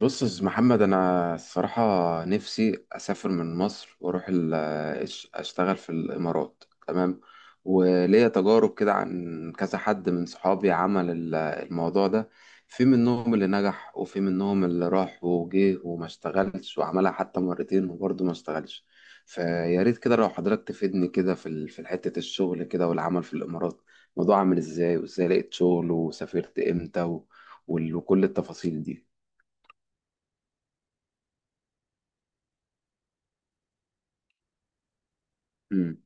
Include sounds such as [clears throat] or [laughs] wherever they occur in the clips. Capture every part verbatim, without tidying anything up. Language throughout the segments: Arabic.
بص يا أستاذ محمد، انا الصراحه نفسي اسافر من مصر واروح ال- أش- اشتغل في الامارات. تمام. وليا تجارب كده عن كذا حد من صحابي عمل ال- الموضوع ده. في منهم اللي نجح وفي منهم اللي راح وجه وما اشتغلش، وعملها حتى مرتين وبرضه ما اشتغلش. فيا ريت كده لو حضرتك تفيدني كده في ال- في حته الشغل كده والعمل في الامارات، الموضوع عامل ازاي، وازاي لقيت شغل، وسافرت امتى، و- وال- وكل التفاصيل دي. امم.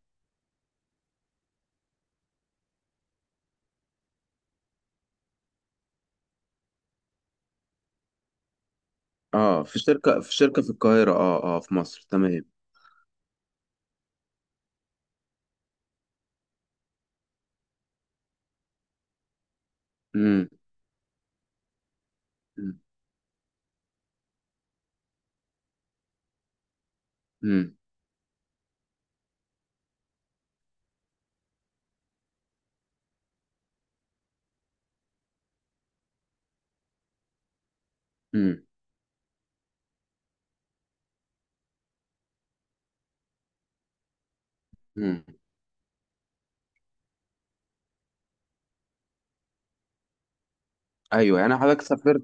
اه، في شركة في شركة في القاهرة، اه اه، في مصر. تمام. امم. امم. امم. امم. ايوه، يعني حضرتك سافرت،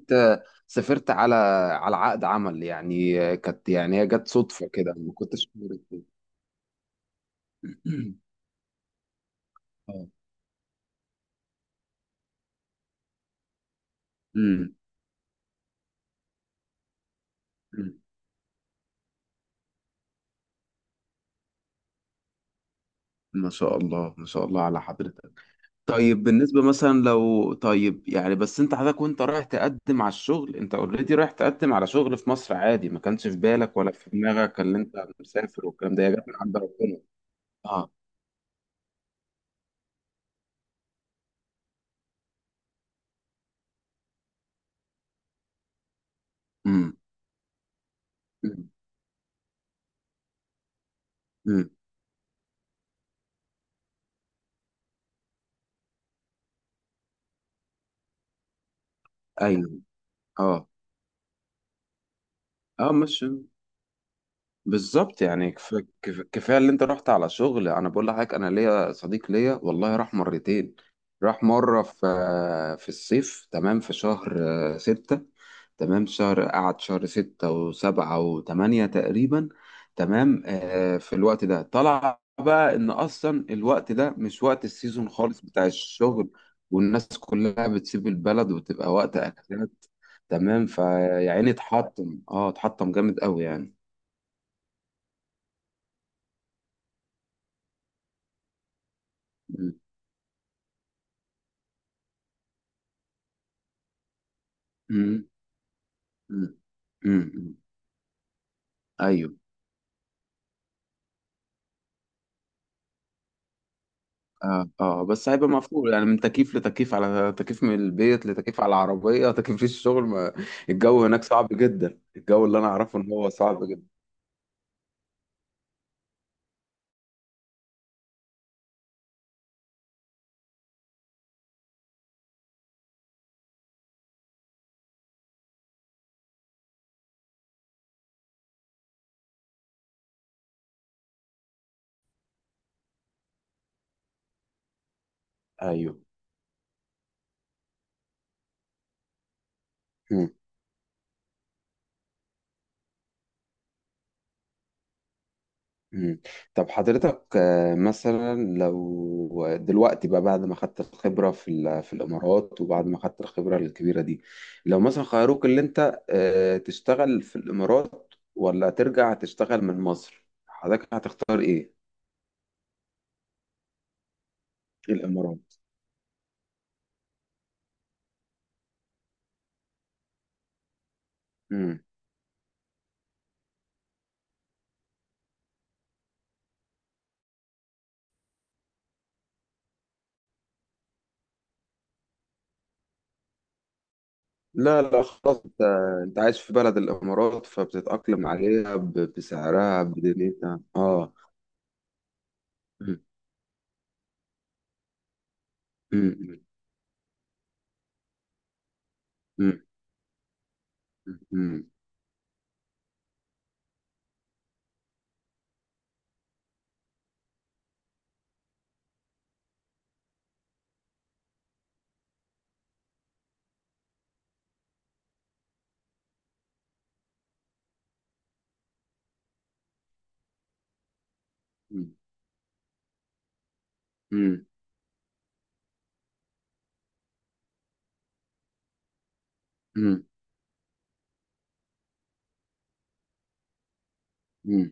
سافرت على، على عقد عمل، يعني كانت، يعني هي جت صدفة كده، ما كنتش عارف كده. [clears throat] اه. امم. أمم. ما شاء الله، ما شاء الله على حضرتك. طيب بالنسبة مثلا لو، طيب يعني بس انت حضرتك وانت رايح تقدم على الشغل، انت اوريدي رايح تقدم على شغل في مصر عادي، ما كانش في بالك ولا في دماغك اللي انت مسافر والكلام ده، هي جت من عند ربنا. اه. امم. امم. أمم. ايوه. اه اه، ماشي. بالظبط يعني كف... كف... كفايه اللي انت رحت على شغل. انا بقول لحضرتك انا ليا صديق ليا والله راح مرتين. راح مره في، في الصيف. تمام. في شهر، آه، ستة. تمام شهر، قعد شهر ستة وسبعة وتمانية تقريبا. تمام. آه، في الوقت ده طلع بقى ان اصلا الوقت ده مش وقت السيزون خالص بتاع الشغل، والناس كلها بتسيب البلد وبتبقى وقت اجازات. تمام. فيعني اتحطم اه اتحطم جامد قوي يعني. امم. امم. امم. ايوه. اه اه، بس هيبقى مفهوم، يعني من تكييف لتكييف، على تكييف، من البيت لتكييف على العربيه، تكييف في الشغل. ما الجو هناك صعب جدا، الجو اللي انا اعرفه ان هو صعب جدا. ايوه. امم. امم. طب حضرتك آه، مثلا لو دلوقتي بقى، بعد ما خدت الخبره في ال- في الامارات، وبعد ما خدت الخبره الكبيره دي، لو مثلا خيروك اللي انت آه، تشتغل في الامارات، ولا ترجع تشتغل من مصر، حضرتك هتختار ايه؟ الإمارات. مم. لا لا، خلاص انت، انت عايش في بلد الإمارات فبتتأقلم عليها ب- بسعرها بدنيتها. اه. مم. مم. مم. مم. مم. مم. مم. مم.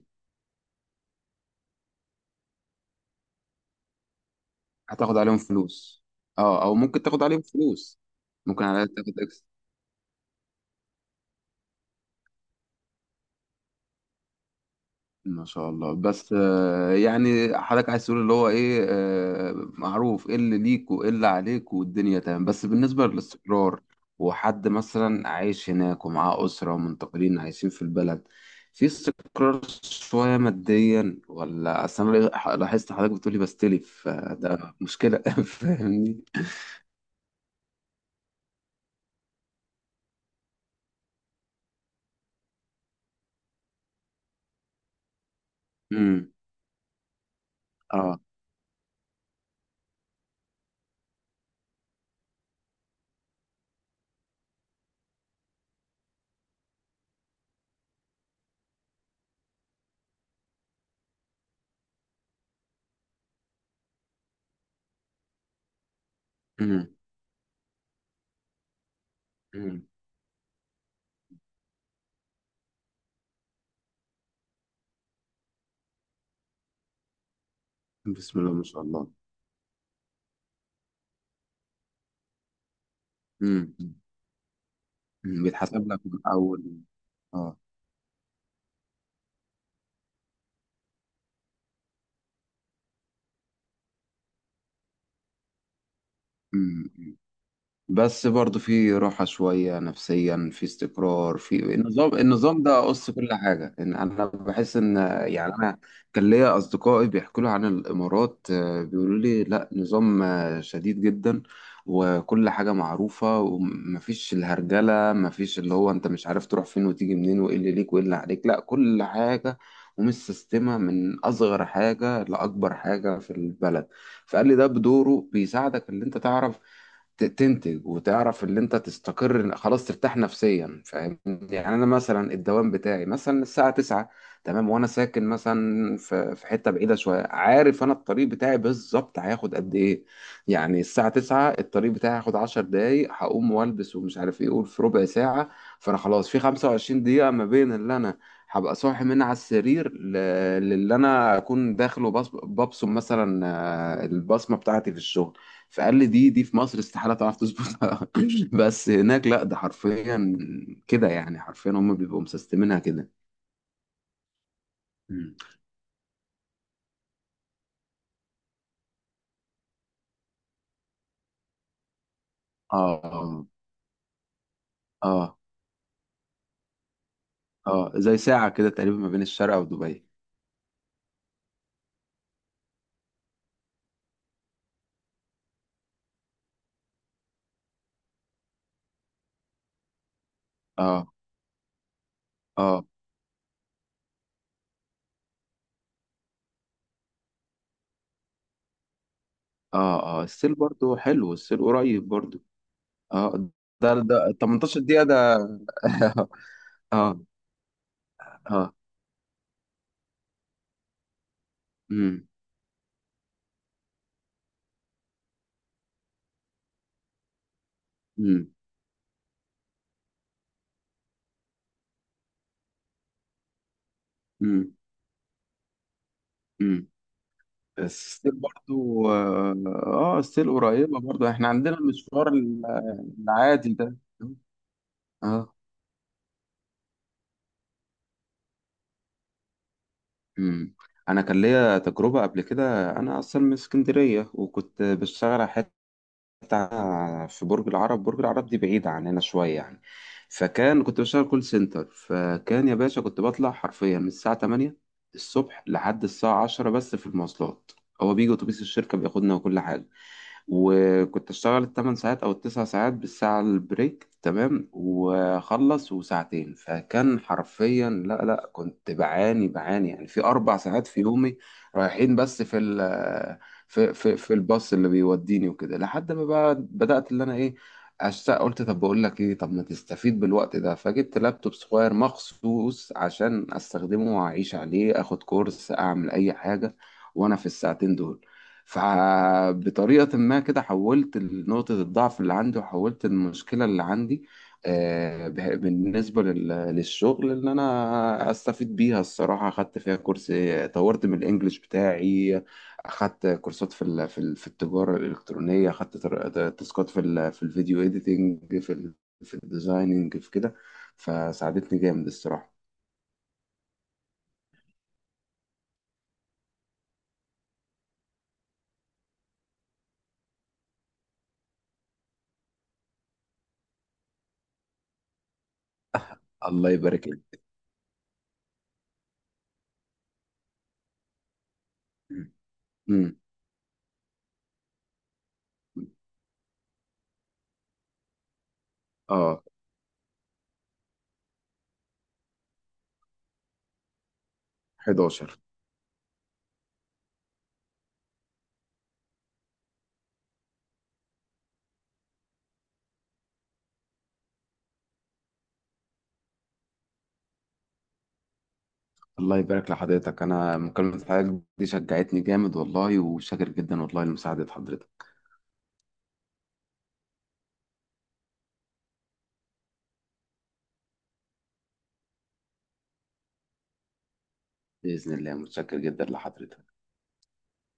هتاخد عليهم فلوس. اه. او ممكن تاخد عليهم فلوس. ممكن عليها تاخد. ما شاء الله. بس آه، يعني حضرتك عايز تقول اللي هو ايه، آه، معروف ايه اللي ليك وايه اللي عليك، والدنيا تمام. بس بالنسبة للاستقرار، وحد مثلا عايش هناك ومعاه أسرة ومنتقلين عايشين في البلد، في استقرار شوية ماديا؟ ولا أصل أنا لاحظت حضرتك بتقولي بستلف، فده مشكلة. [laughs] فاهمني؟ امم. اه. امم. امم. بسم الله ما شاء الله. امم. أمم. بيتحسب لك من أول. اه، بس برضو في راحة شوية نفسيا، في استقرار، في النظام، النظام ده قص كل حاجة. إن أنا بحس إن، يعني أنا كان ليا أصدقائي بيحكوا لي عن الإمارات، آه، بيقولوا لي لا، نظام آه، شديد جدا، وكل حاجة معروفة، ومفيش الهرجلة، مفيش اللي هو أنت مش عارف تروح فين وتيجي منين، وإيه اللي ليك وإيه اللي عليك، لا كل حاجة ومتسيستمة من أصغر حاجة لأكبر حاجة في البلد. فقال لي ده بدوره بيساعدك ان انت تعرف ت- تنتج، وتعرف اللي انت تستقر خلاص، ترتاح نفسيا. فاهم يعني؟ انا مثلا الدوام بتاعي مثلا الساعة تسعة. تمام. وانا ساكن مثلا في في حتة بعيدة شوية. عارف انا الطريق بتاعي بالظبط هياخد قد ايه، يعني الساعة تسعة الطريق بتاعي هياخد 10 دقايق، هقوم والبس ومش عارف ايه، اقول في ربع ساعة. فانا خلاص في خمسة وعشرين دقيقة ما بين اللي انا هبقى صاحي من على السرير ل- للي انا اكون داخل وبص- ببصم مثلا، آه، البصمة بتاعتي في الشغل. فقال لي دي دي في مصر استحالة تعرف تظبطها. [laughs] بس هناك لا، ده حرفيا كده، يعني حرفيا هم بيبقوا مسستمينها كده. مم. اه اه، اه زي ساعة كده تقريبا ما بين الشارقة ودبي. اه. اه. اه اه السيل برضو حلو، السيل قريب برضو. اه. ده ده تمنتاشر دقيقة ده. [laughs] اه. اه. امم. امم. امم. امم. السيل برضو، اه آه، السيل قريبة برضو، احنا عندنا المشوار ال- العادي ده. اه. امم. انا كان ليا تجربه قبل كده، انا اصلا من اسكندريه، وكنت بشتغل على، بتاع، في برج العرب. برج العرب دي بعيدة عننا شوية يعني. فكان، كنت بشتغل كول سنتر. فكان يا باشا كنت بطلع حرفيا من الساعة تمانية الصبح لحد الساعة عشرة بس في المواصلات. هو بيجي أتوبيس الشركة بياخدنا وكل حاجة. وكنت أشتغل التمن ساعات أو التسع ساعات بالساعة البريك، تمام، وأخلص وساعتين. فكان حرفيا، لا لا، كنت بعاني بعاني يعني في أربع ساعات في يومي، رايحين بس في ال، في في في الباص اللي بيوديني وكده. لحد ما بقى بدأت اللي انا ايه، اشتاق، قلت طب بقول لك ايه، طب ما تستفيد بالوقت ده. فجبت لابتوب صغير مخصوص عشان استخدمه واعيش عليه، اخد كورس، اعمل اي حاجة وانا في الساعتين دول. فبطريقة ما كده حولت نقطة الضعف اللي عندي، وحولت المشكلة اللي عندي، آه، به- بالنسبة لل- للشغل اللي أنا أستفيد بيها. الصراحة خدت فيها كورس، طورت من الإنجليش بتاعي، اخدت كورسات في ال- في ال- في التجاره الالكترونيه، اخدت تر- ت- تاسكات في ال- في الفيديو اديتنج، في ال- في الديزايننج، في كده. فساعدتني جامد الصراحه. الله يبارك لك. امم. اه. حداشر. الله يبارك لحضرتك. انا مكالمه حضرتك دي شجعتني جامد والله، وشاكر جدا والله لمساعده حضرتك. باذن الله، متشكر جدا لحضرتك.